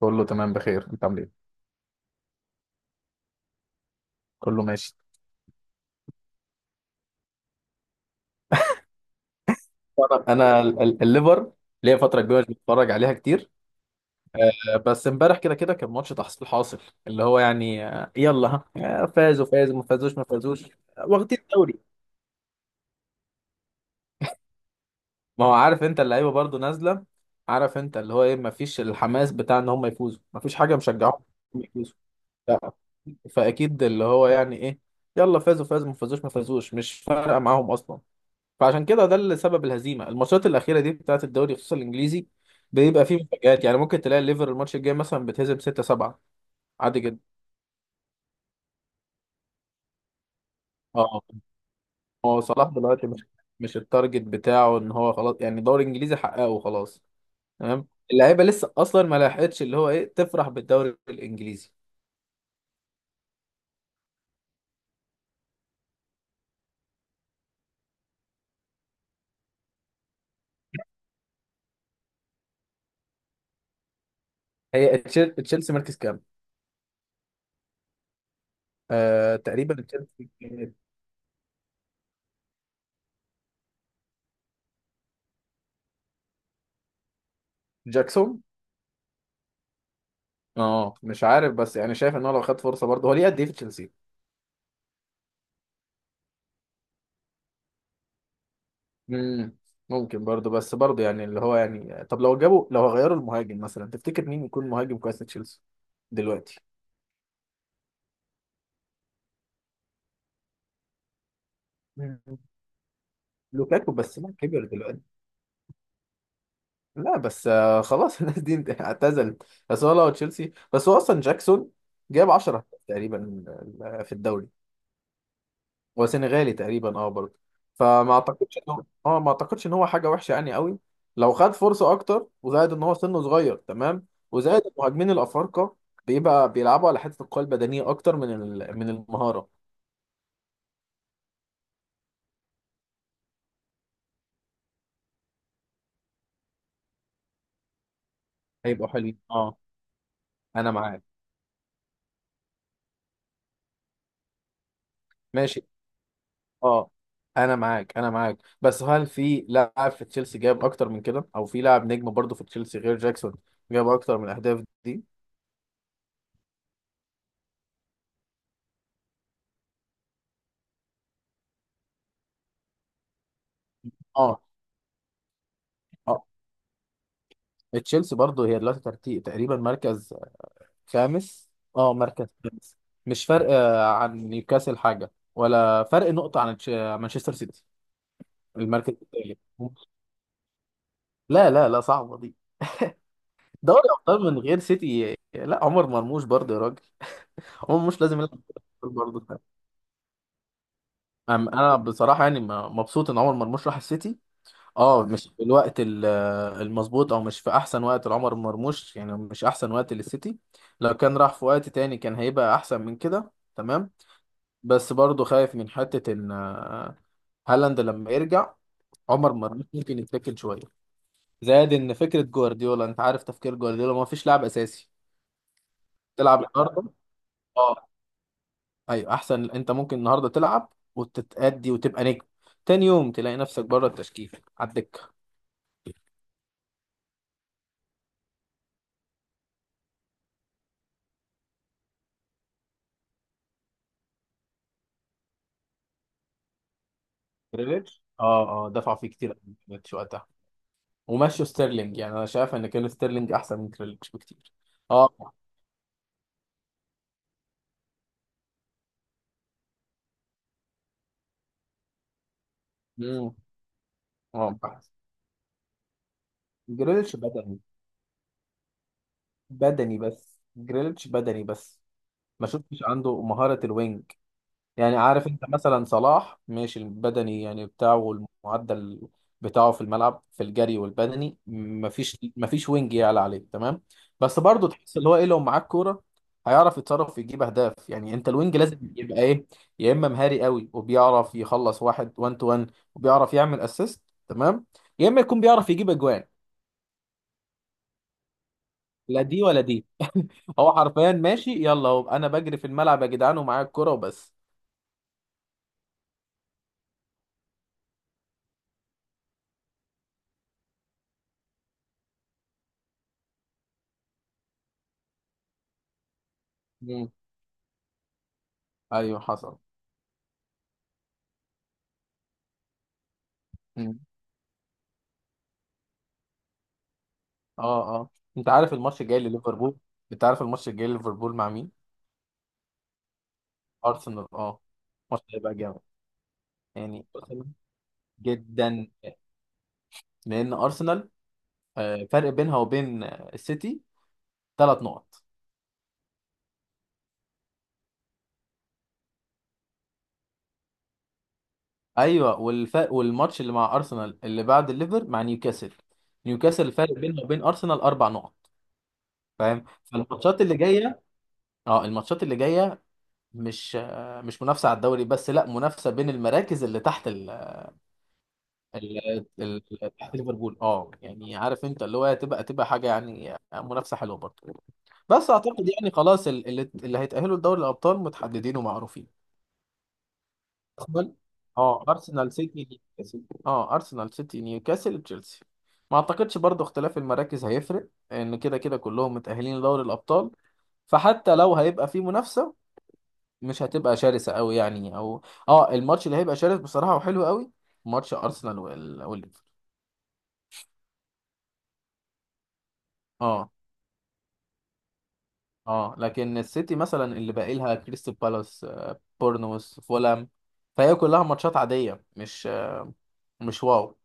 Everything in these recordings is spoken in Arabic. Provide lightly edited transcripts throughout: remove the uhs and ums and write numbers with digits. كله تمام، بخير. انت عامل ايه؟ كله ماشي. طبعاً انا الليفر ليا فتره كبيره مش بتفرج عليها كتير. بس امبارح كده كده كان ماتش تحصيل حاصل، اللي هو يعني، يلا ها، فازوا فازوا ما فازوش ما فازوش. واخدين الدوري. ما هو عارف انت اللعيبه برضو نازله، عارف انت اللي هو ايه، ما فيش الحماس بتاع ان هم يفوزوا، ما فيش حاجه مشجعهم إنهم يفوزوا. لا، فاكيد اللي هو يعني ايه، يلا فازوا فازوا ما فازوش ما فازوش مش فارقه معاهم اصلا. فعشان كده ده اللي سبب الهزيمه الماتشات الاخيره دي بتاعت الدوري خصوصا الانجليزي. بيبقى فيه مفاجآت، يعني ممكن تلاقي الليفر الماتش الجاي مثلا بتهزم 6-7 عادي جدا. اه، هو صلاح دلوقتي مش التارجت بتاعه ان هو خلاص، يعني دوري انجليزي حققه وخلاص. تمام، اللعيبه لسه اصلا ما لحقتش اللي هو ايه تفرح بالدوري الانجليزي. هي تشيلسي مركز كام؟ آه تقريبا تشيلسي. جاكسون، اه مش عارف، بس يعني شايف ان هو لو خد فرصه برضه هو ليه قد ايه في تشيلسي؟ مم. ممكن برضه، بس برضه يعني اللي هو يعني، طب لو جابوا، لو غيروا المهاجم مثلا تفتكر مين يكون مهاجم كويس لتشيلسي دلوقتي؟ مم. لوكاكو بس ما كبر دلوقتي. لا بس خلاص الناس دي اعتزلت. بس هو لو تشيلسي، بس هو اصلا جاكسون جاب 10 تقريبا، في الدوري. هو سنغالي تقريبا اه برضه، فما اعتقدش ان هو، اه ما اعتقدش ان هو حاجه وحشه يعني قوي، لو خد فرصه اكتر. وزائد ان هو سنه صغير، تمام، وزائد المهاجمين الافارقه بيبقى بيلعبوا على حته القوه البدنيه اكتر من من المهاره. هيبقوا حلوين، اه. انا معاك، ماشي. اه، انا معاك، انا معاك، بس هل في لاعب في تشيلسي جاب اكتر من كده، او في لاعب نجم برضه في تشيلسي غير جاكسون جاب اكتر من الاهداف دي؟ اه اه. تشيلسي برضه هي دلوقتي ترتيب تقريبا مركز خامس. اه مركز خامس، مش فرق عن نيوكاسل حاجة، ولا فرق نقطة عن مانشستر سيتي. المركز الثالث. لا لا لا، صعبة دي. دوري أبطال من غير سيتي، لا. عمر مرموش برضه يا راجل، عمر مرموش لازم يلعب برضه. أنا بصراحة يعني، مبسوط إن عمر مرموش راح السيتي. اه، مش في الوقت المظبوط، او مش في احسن وقت لعمر مرموش، يعني مش احسن وقت للسيتي. لو كان راح في وقت تاني كان هيبقى احسن من كده، تمام. بس برضه خايف من حتة إن هالاند لما يرجع عمر مرموش ممكن يتاكل شوية. زائد إن فكرة جوارديولا، أنت عارف تفكير جوارديولا ما فيش لاعب أساسي. تلعب النهاردة، أه أيوه أحسن، أنت ممكن النهاردة تلعب وتتأدي وتبقى نجم، تاني يوم تلاقي نفسك بره التشكيل، على الدكة. جريليتش، اه اه، دفع فيه كتير قوي جريليتش وقتها، ومشوا ستيرلينج. يعني انا شايف ان كان ستيرلينج احسن من جريليتش بكتير. اه. امم. اه، بحث. جريليتش بدأ، بدني بس، جريليتش بدني بس، ما شفتش عنده مهارة الوينج. يعني عارف انت مثلا صلاح ماشي البدني يعني بتاعه والمعدل بتاعه في الملعب في الجري والبدني، ما فيش وينج يعلى عليه، تمام. بس برضه تحس اللي هو ايه، لو معاك كورة هيعرف يتصرف يجيب اهداف. يعني انت الوينج لازم يبقى ايه، يا اما مهاري قوي وبيعرف يخلص واحد 1 تو 1 وبيعرف يعمل اسيست تمام، يا اما يكون بيعرف يجيب اجوان. لا دي ولا دي هو حرفيا ماشي يلا، هو انا بجري في الملعب يا جدعان ومعايا الكرة وبس. مم. ايوه حصل. مم. اه اه. انت عارف الماتش الجاي لليفربول، انت عارف الماتش الجاي لليفربول مع مين؟ ارسنال، اه. الماتش هيبقى جامد، يعني أرسنال، جدا. لان ارسنال فرق بينها وبين السيتي 3 نقط. ايوه، والفرق، والماتش اللي مع ارسنال اللي بعد الليفر مع نيوكاسل، نيوكاسل الفرق بينها وبين ارسنال 4 نقط. فاهم؟ فالماتشات اللي جايه، اه الماتشات اللي جايه مش مش منافسه على الدوري بس، لا منافسه بين المراكز اللي تحت ال... ال... تحت ليفربول، اه. يعني عارف انت اللي هو تبقى حاجه، يعني منافسه حلوه برضه. بس اعتقد يعني خلاص اللي هيتاهلوا لدوري الابطال متحددين ومعروفين. أقبل، اه، ارسنال سيتي نيوكاسل، اه ارسنال سيتي نيوكاسل تشيلسي. ما اعتقدش برضو اختلاف المراكز هيفرق، ان كده كده كلهم متأهلين لدوري الابطال. فحتى لو هيبقى في منافسة مش هتبقى شرسة قوي يعني، او اه الماتش اللي هيبقى شرس بصراحة وحلو قوي، ماتش ارسنال والليفر. اه اه، لكن السيتي مثلا اللي باقي لها كريستال بالاس، بورنموث، فولام، فهي كلها ماتشات عادية، مش مش واو.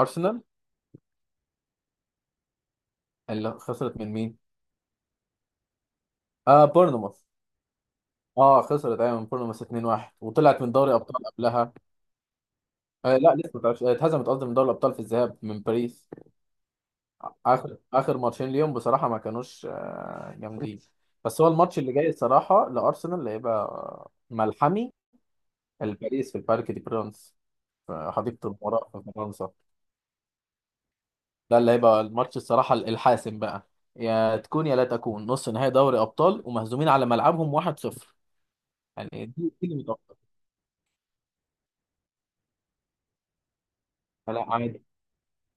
ارسنال اللي خسرت من مين؟ اه بورنموث. اه خسرت، ايوه، من بورنموث 2-1 وطلعت من دوري ابطال قبلها. آه لا، لسه ما طلعتش، اتهزمت قصدي من دوري الابطال في الذهاب من باريس. اخر اخر ماتشين ليهم بصراحه ما كانوش جامدين. بس هو الماتش اللي جاي الصراحه لارسنال هيبقى ملحمي، الباريس في البارك دي برانس، في حديقه الامراء في فرنسا. ده اللي هيبقى الماتش الصراحه الحاسم بقى، يا تكون يا لا تكون، نص نهائي دوري ابطال ومهزومين على ملعبهم 1-0. يعني دي اللي متوقع. لا عادي،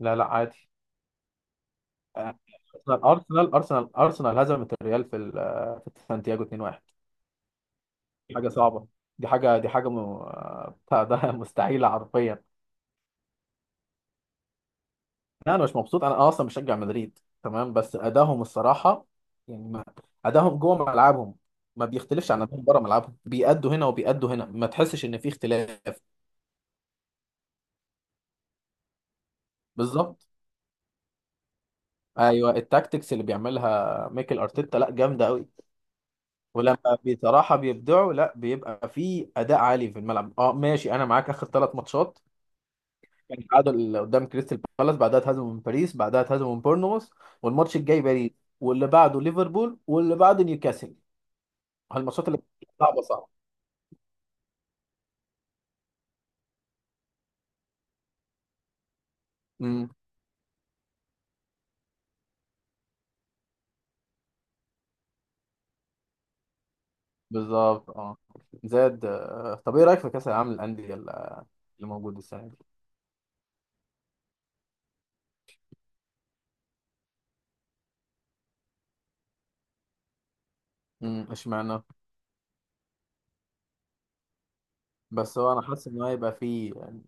لا لا عادي. آه، ارسنال هزمت الريال في في سانتياغو 2-1. حاجه صعبه، دي حاجه دي حاجه م... بتاع ده مستحيله حرفيا. لا انا مش مبسوط، انا اصلا مشجع مدريد، تمام. بس ادائهم الصراحه يعني ما... ادائهم جوه ملعبهم ما بيختلفش عن ادائهم بره ملعبهم، بيأدوا هنا وبيأدوا هنا، ما تحسش ان في اختلاف. بالظبط. ايوه، التاكتكس اللي بيعملها ميكل ارتيتا لا جامده قوي. ولما بصراحه بيبدعوا لا بيبقى في اداء عالي في الملعب، اه ماشي، انا معاك. اخر 3 ماتشات كان تعادل قدام كريستال بالاس، بعدها اتهزموا من باريس، بعدها اتهزموا من بورنموث، والماتش الجاي باريس، واللي بعده ليفربول، واللي بعده نيوكاسل. هالماتشات اللي صعبه صعبه، امم. بالظبط اه، زاد طب ايه رايك في كاس العالم للانديه اللي اللي موجود السنه دي؟ امم، اشمعنى؟ بس هو انا حاسس ان هو هيبقى فيه يعني،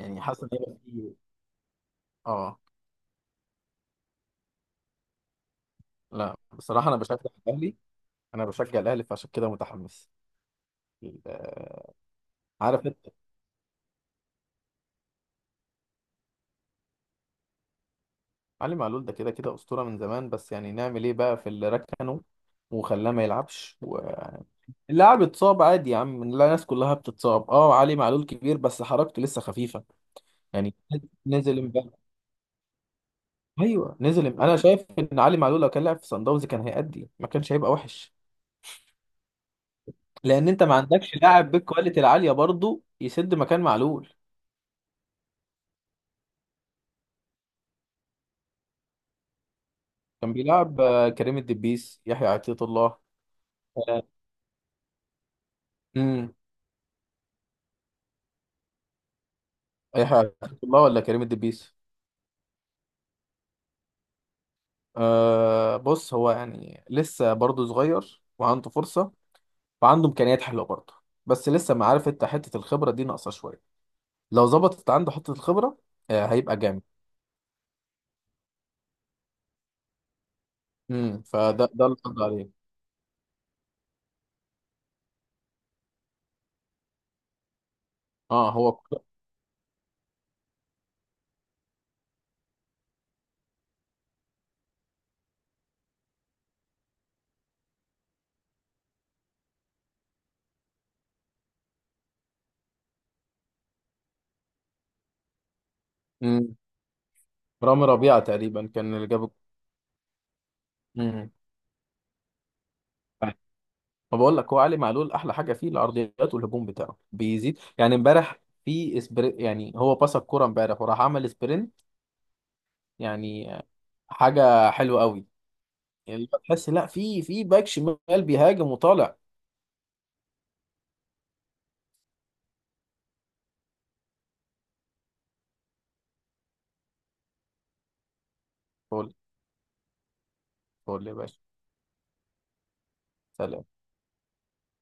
يعني حاسس ان هيبقى فيه، اه. لا بصراحه انا بشجع الاهلي، انا بشجع الاهلي فعشان كده متحمس. آه، عارف. علي معلول ده كده كده أسطورة من زمان، بس يعني نعمل إيه بقى في اللي ركنه وخلاه ما يلعبش، واللاعب اتصاب عادي يا عم. لا الناس كلها بتتصاب، اه. علي معلول كبير بس حركته لسه خفيفة. يعني نزل امبارح، ايوه نزل امبارح. انا شايف ان علي معلول لو كان لعب في صن داونز كان هيأدي، ما كانش هيبقى وحش. لان انت ما عندكش لاعب بالكواليتي العالية برضه يسد مكان معلول. كان بيلعب كريم الدبيس، يحيى عطية الله. آه، امم. يحيى عطية الله ولا كريم الدبيس؟ أه، بص هو يعني لسه برضه صغير وعنده فرصة وعنده إمكانيات حلوة برضه، بس لسه، ما عارف انت حتة الخبرة دي ناقصة شوية. لو ظبطت عنده حتة الخبرة، أه هيبقى جامد. امم، فده اللي قصدي عليه. اه هو. امم. رامي ربيعة تقريبا كان اللي جاب. امم. ما بقول لك، هو علي معلول احلى حاجة فيه العرضيات، والهجوم بتاعه بيزيد. يعني امبارح في اسبري، يعني هو باص الكورة امبارح وراح عمل سبرنت. يعني حاجة حلوة قوي. يعني اللي هو تحس لا، في باك شمال بيهاجم وطالع. فول، فول يا باشا. سلام.